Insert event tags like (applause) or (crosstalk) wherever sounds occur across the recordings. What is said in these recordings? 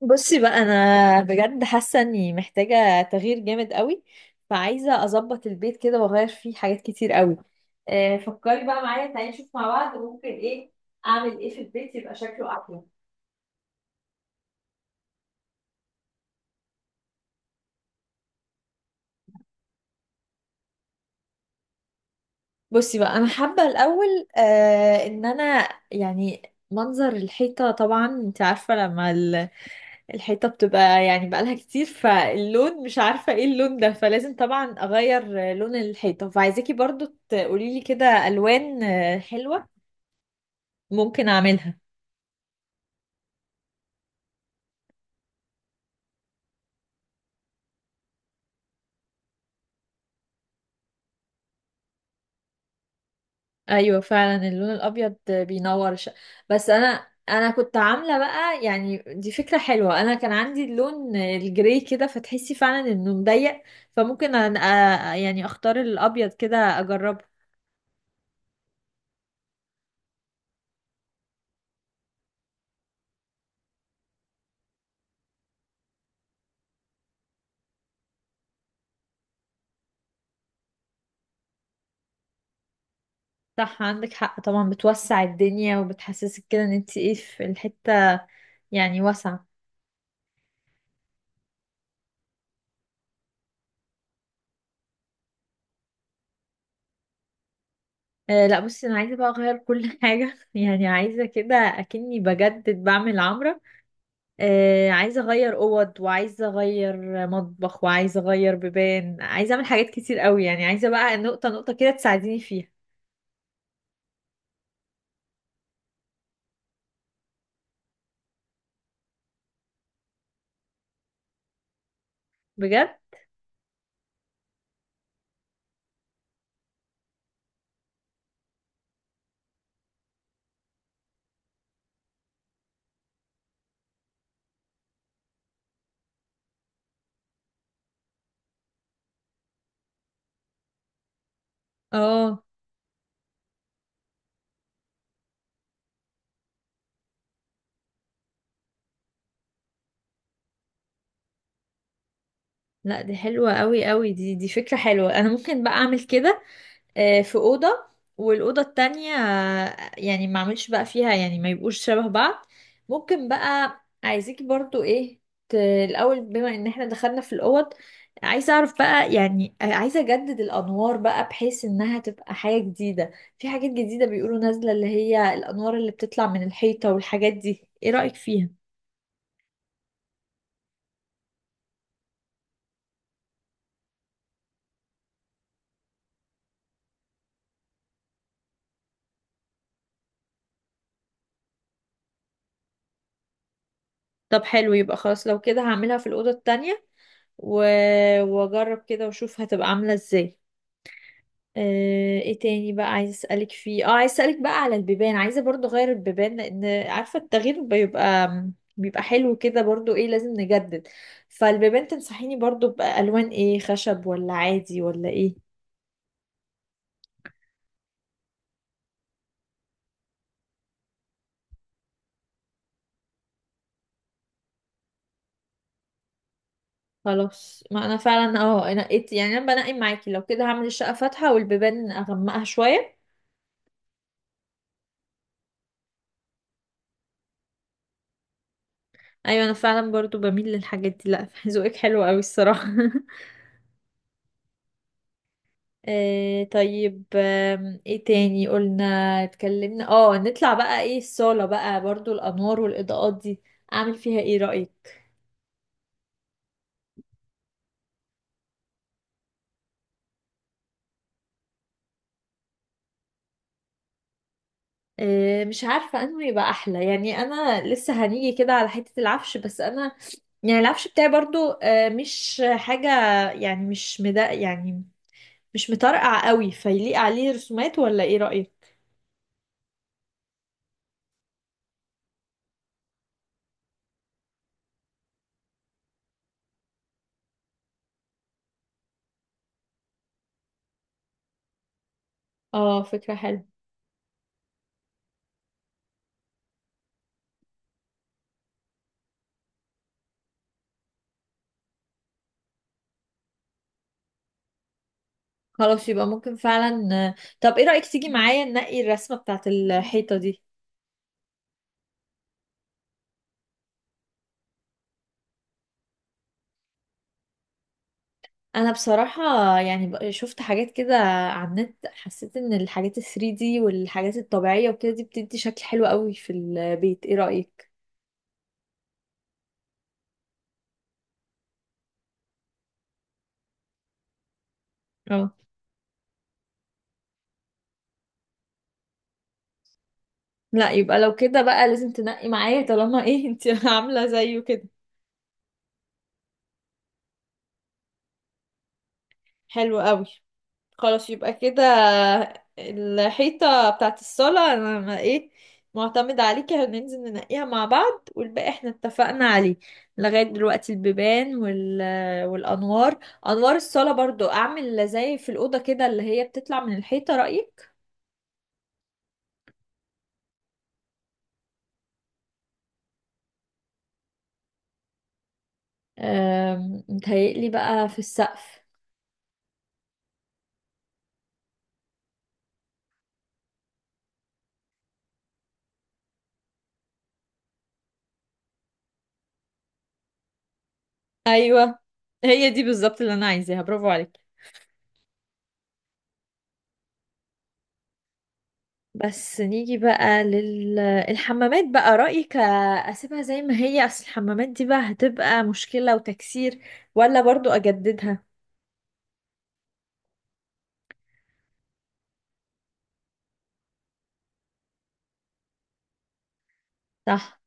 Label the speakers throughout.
Speaker 1: بصي بقى، انا بجد حاسه اني محتاجه تغيير جامد قوي. فعايزه اظبط البيت كده واغير فيه حاجات كتير قوي. فكري بقى معايا، تعالي نشوف مع بعض ممكن ايه اعمل ايه في البيت يبقى شكله احلى. بصي بقى، انا حابه الاول ان انا يعني منظر الحيطه. طبعا انت عارفه لما الحيطه بتبقى يعني بقالها كتير، فاللون مش عارفه ايه اللون ده، فلازم طبعا اغير لون الحيطه. فعايزاكي برضو تقولي لي كده الوان حلوه ممكن اعملها. ايوه فعلا اللون الابيض بينور. بس انا كنت عامله بقى، يعني دي فكره حلوه. انا كان عندي اللون الجراي كده، فتحسي فعلا انه مضيق. فممكن أنا يعني اختار الابيض كده اجربه. صح، عندك حق. طبعا بتوسع الدنيا وبتحسسك كده ان انت ايه في الحته، يعني واسعه. أه لا، بصي انا عايزه بقى اغير كل (laughs) حاجه. يعني عايزه كده اكني بجدد بعمل عمرة. عايزة أغير أوض، وعايزة أغير مطبخ، وعايزة أغير بيبان، عايزة أعمل حاجات كتير قوي. يعني عايزة بقى نقطة نقطة كده تساعديني فيها. بجد؟ اه لا، دي حلوة قوي قوي. دي فكرة حلوة، أنا ممكن بقى أعمل كده في أوضة، والأوضة التانية يعني ما اعملش بقى فيها، يعني ما يبقوش شبه بعض. ممكن بقى عايزيكي برضو ايه، الأول بما ان احنا دخلنا في الأوض، عايزة اعرف بقى يعني عايزة اجدد الأنوار بقى بحيث انها تبقى حاجة جديدة. في حاجات جديدة بيقولوا نازلة اللي هي الأنوار اللي بتطلع من الحيطة، والحاجات دي ايه رأيك فيها؟ طب حلو، يبقى خلاص لو كده هعملها في الأوضة التانية و... واجرب كده واشوف هتبقى عاملة ازاي. ايه تاني بقى عايزه اسالك فيه؟ اه عايزه اسالك بقى على البيبان. عايزه برضو اغير البيبان، لان عارفه التغيير بيبقى حلو كده، برضو ايه لازم نجدد. فالبيبان تنصحيني برضو بالوان ايه، خشب ولا عادي ولا ايه؟ خلاص، ما انا فعلا نقيت. يعني انا بنقي معاكي، لو كده هعمل الشقه فاتحه والبيبان اغمقها شويه. ايوه، انا فعلا برضو بميل للحاجات دي. لا (laughs) ذوقك حلو قوي الصراحه (laughs) إيه طيب، ايه تاني قلنا اتكلمنا؟ اه نطلع بقى ايه الصالة بقى، برضو الأنوار والإضاءات دي أعمل فيها ايه رأيك؟ إيه، مش عارفة انه يبقى أحلى. يعني أنا لسه هنيجي كده على حتة العفش، بس أنا يعني العفش بتاعي برضو مش حاجة، يعني مش مدا، يعني مش مطرقع قوي فيليق عليه رسومات، ولا ايه رأيك؟ اه فكرة حلوة. خلاص يبقى ممكن فعلا. طب ايه رأيك تيجي معايا ننقي الرسمة بتاعت الحيطة دي؟ انا بصراحة يعني شفت حاجات كده على النت، حسيت ان الحاجات ال 3D والحاجات الطبيعية وكده دي بتدي شكل حلو قوي في البيت، ايه رأيك؟ اه لا، يبقى لو كده بقى لازم تنقي معايا، طالما ايه انت (laughs) عاملة زيه كده. حلو قوي، خلاص يبقى كده الحيطة بتاعت الصالة انا معتمدة عليكي. هننزل ننقيها مع بعض، والباقي احنا اتفقنا عليه لغاية دلوقتي، البيبان والأنوار. أنوار الصالة برضو أعمل زي في الأوضة كده، اللي هي بتطلع من الحيطة، رأيك؟ متهيألي بقى في السقف. أيوة، هي دي بالظبط اللي أنا عايزاها، برافو عليك. بس نيجي بقى للحمامات بقى، رأيك؟ أسيبها زي ما هي، أصل الحمامات دي بقى هتبقى مشكلة وتكسير، ولا برضو أجددها؟ صح.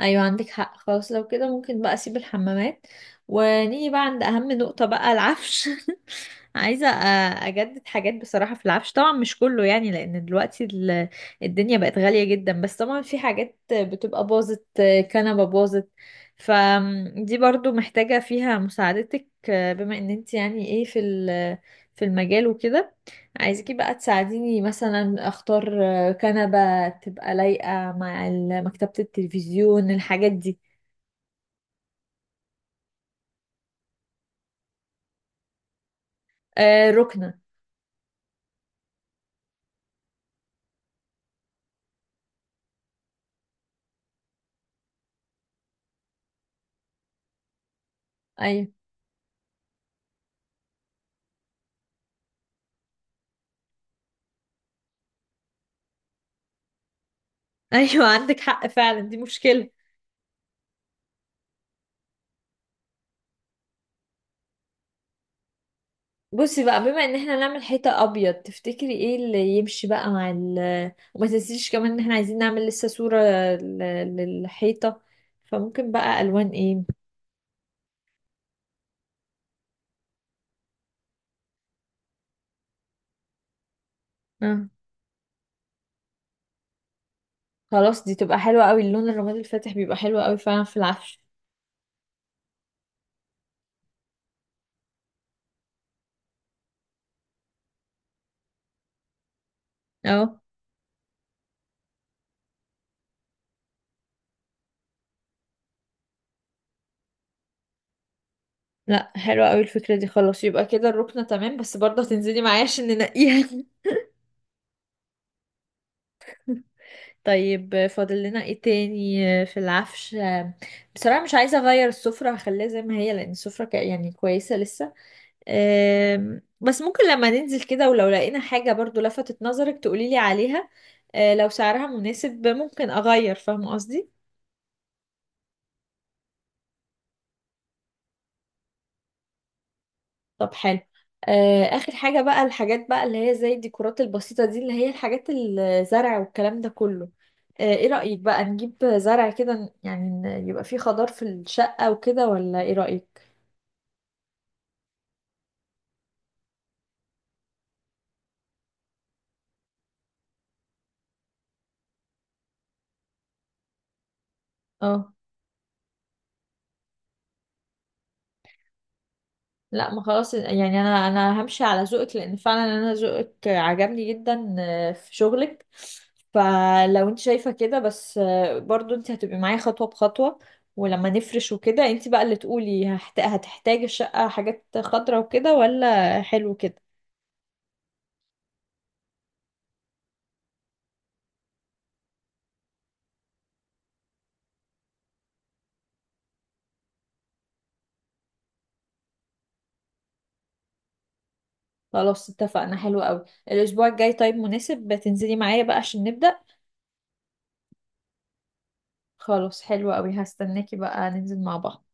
Speaker 1: ايوه، عندك حق. خلاص لو كده ممكن بقى اسيب الحمامات، ونيجي بقى عند اهم نقطة بقى، العفش. (laughs) عايزة اجدد حاجات بصراحة في العفش. طبعا مش كله يعني، لان دلوقتي الدنيا بقت غالية جدا، بس طبعا في حاجات بتبقى باظت. كنبة باظت، فدي برضو محتاجة فيها مساعدتك بما ان انت يعني في المجال وكده. عايزاكي بقى تساعديني مثلا اختار كنبة تبقى لايقة مع مكتبة التلفزيون، الحاجات دي. آه، ركنة. أيوة. أيوة (laughs) عندك حق فعلا، دي مشكلة. بصي بقى، بما ان احنا نعمل حيطة أبيض، تفتكري ايه اللي يمشي بقى مع ال، وما تنسيش كمان ان احنا عايزين نعمل لسه صورة للحيطة، فممكن بقى ألوان ايه؟ آه. خلاص، دي تبقى حلوة قوي، اللون الرمادي الفاتح بيبقى حلو قوي فعلا في العفش. اه لا، حلوة قوي الفكرة دي. خلاص يبقى كده الركنة تمام، بس برضه هتنزلي معايا عشان ننقيها. طيب فاضل لنا ايه تاني في العفش؟ بصراحة مش عايزة اغير السفرة، هخليها زي ما هي، لان السفرة يعني كويسة لسه. بس ممكن لما ننزل كده، ولو لقينا حاجة برضو لفتت نظرك تقوليلي عليها، لو سعرها مناسب ممكن اغير، فاهمة قصدي؟ طب حلو. اخر حاجة بقى، الحاجات بقى اللي هي زي الديكورات البسيطة دي، اللي هي الحاجات الزرع والكلام ده كله. ايه رأيك بقى نجيب زرع كده، يعني يبقى فيه خضار في الشقة وكده، ولا ايه رأيك؟ اه لا، ما خلاص، يعني انا همشي على ذوقك، لان فعلا انا ذوقك عجبني جدا في شغلك. فلو انت شايفة كده بس برضو انت هتبقي معايا خطوة بخطوة. ولما نفرش وكده، انت بقى اللي تقولي هتحتاجي الشقة حاجات خضرا وكده، ولا حلو كده. خلاص اتفقنا، حلو قوي. الاسبوع الجاي طيب مناسب تنزلي معايا بقى عشان نبدأ؟ خلاص حلو قوي، هستناكي بقى ننزل مع بعض.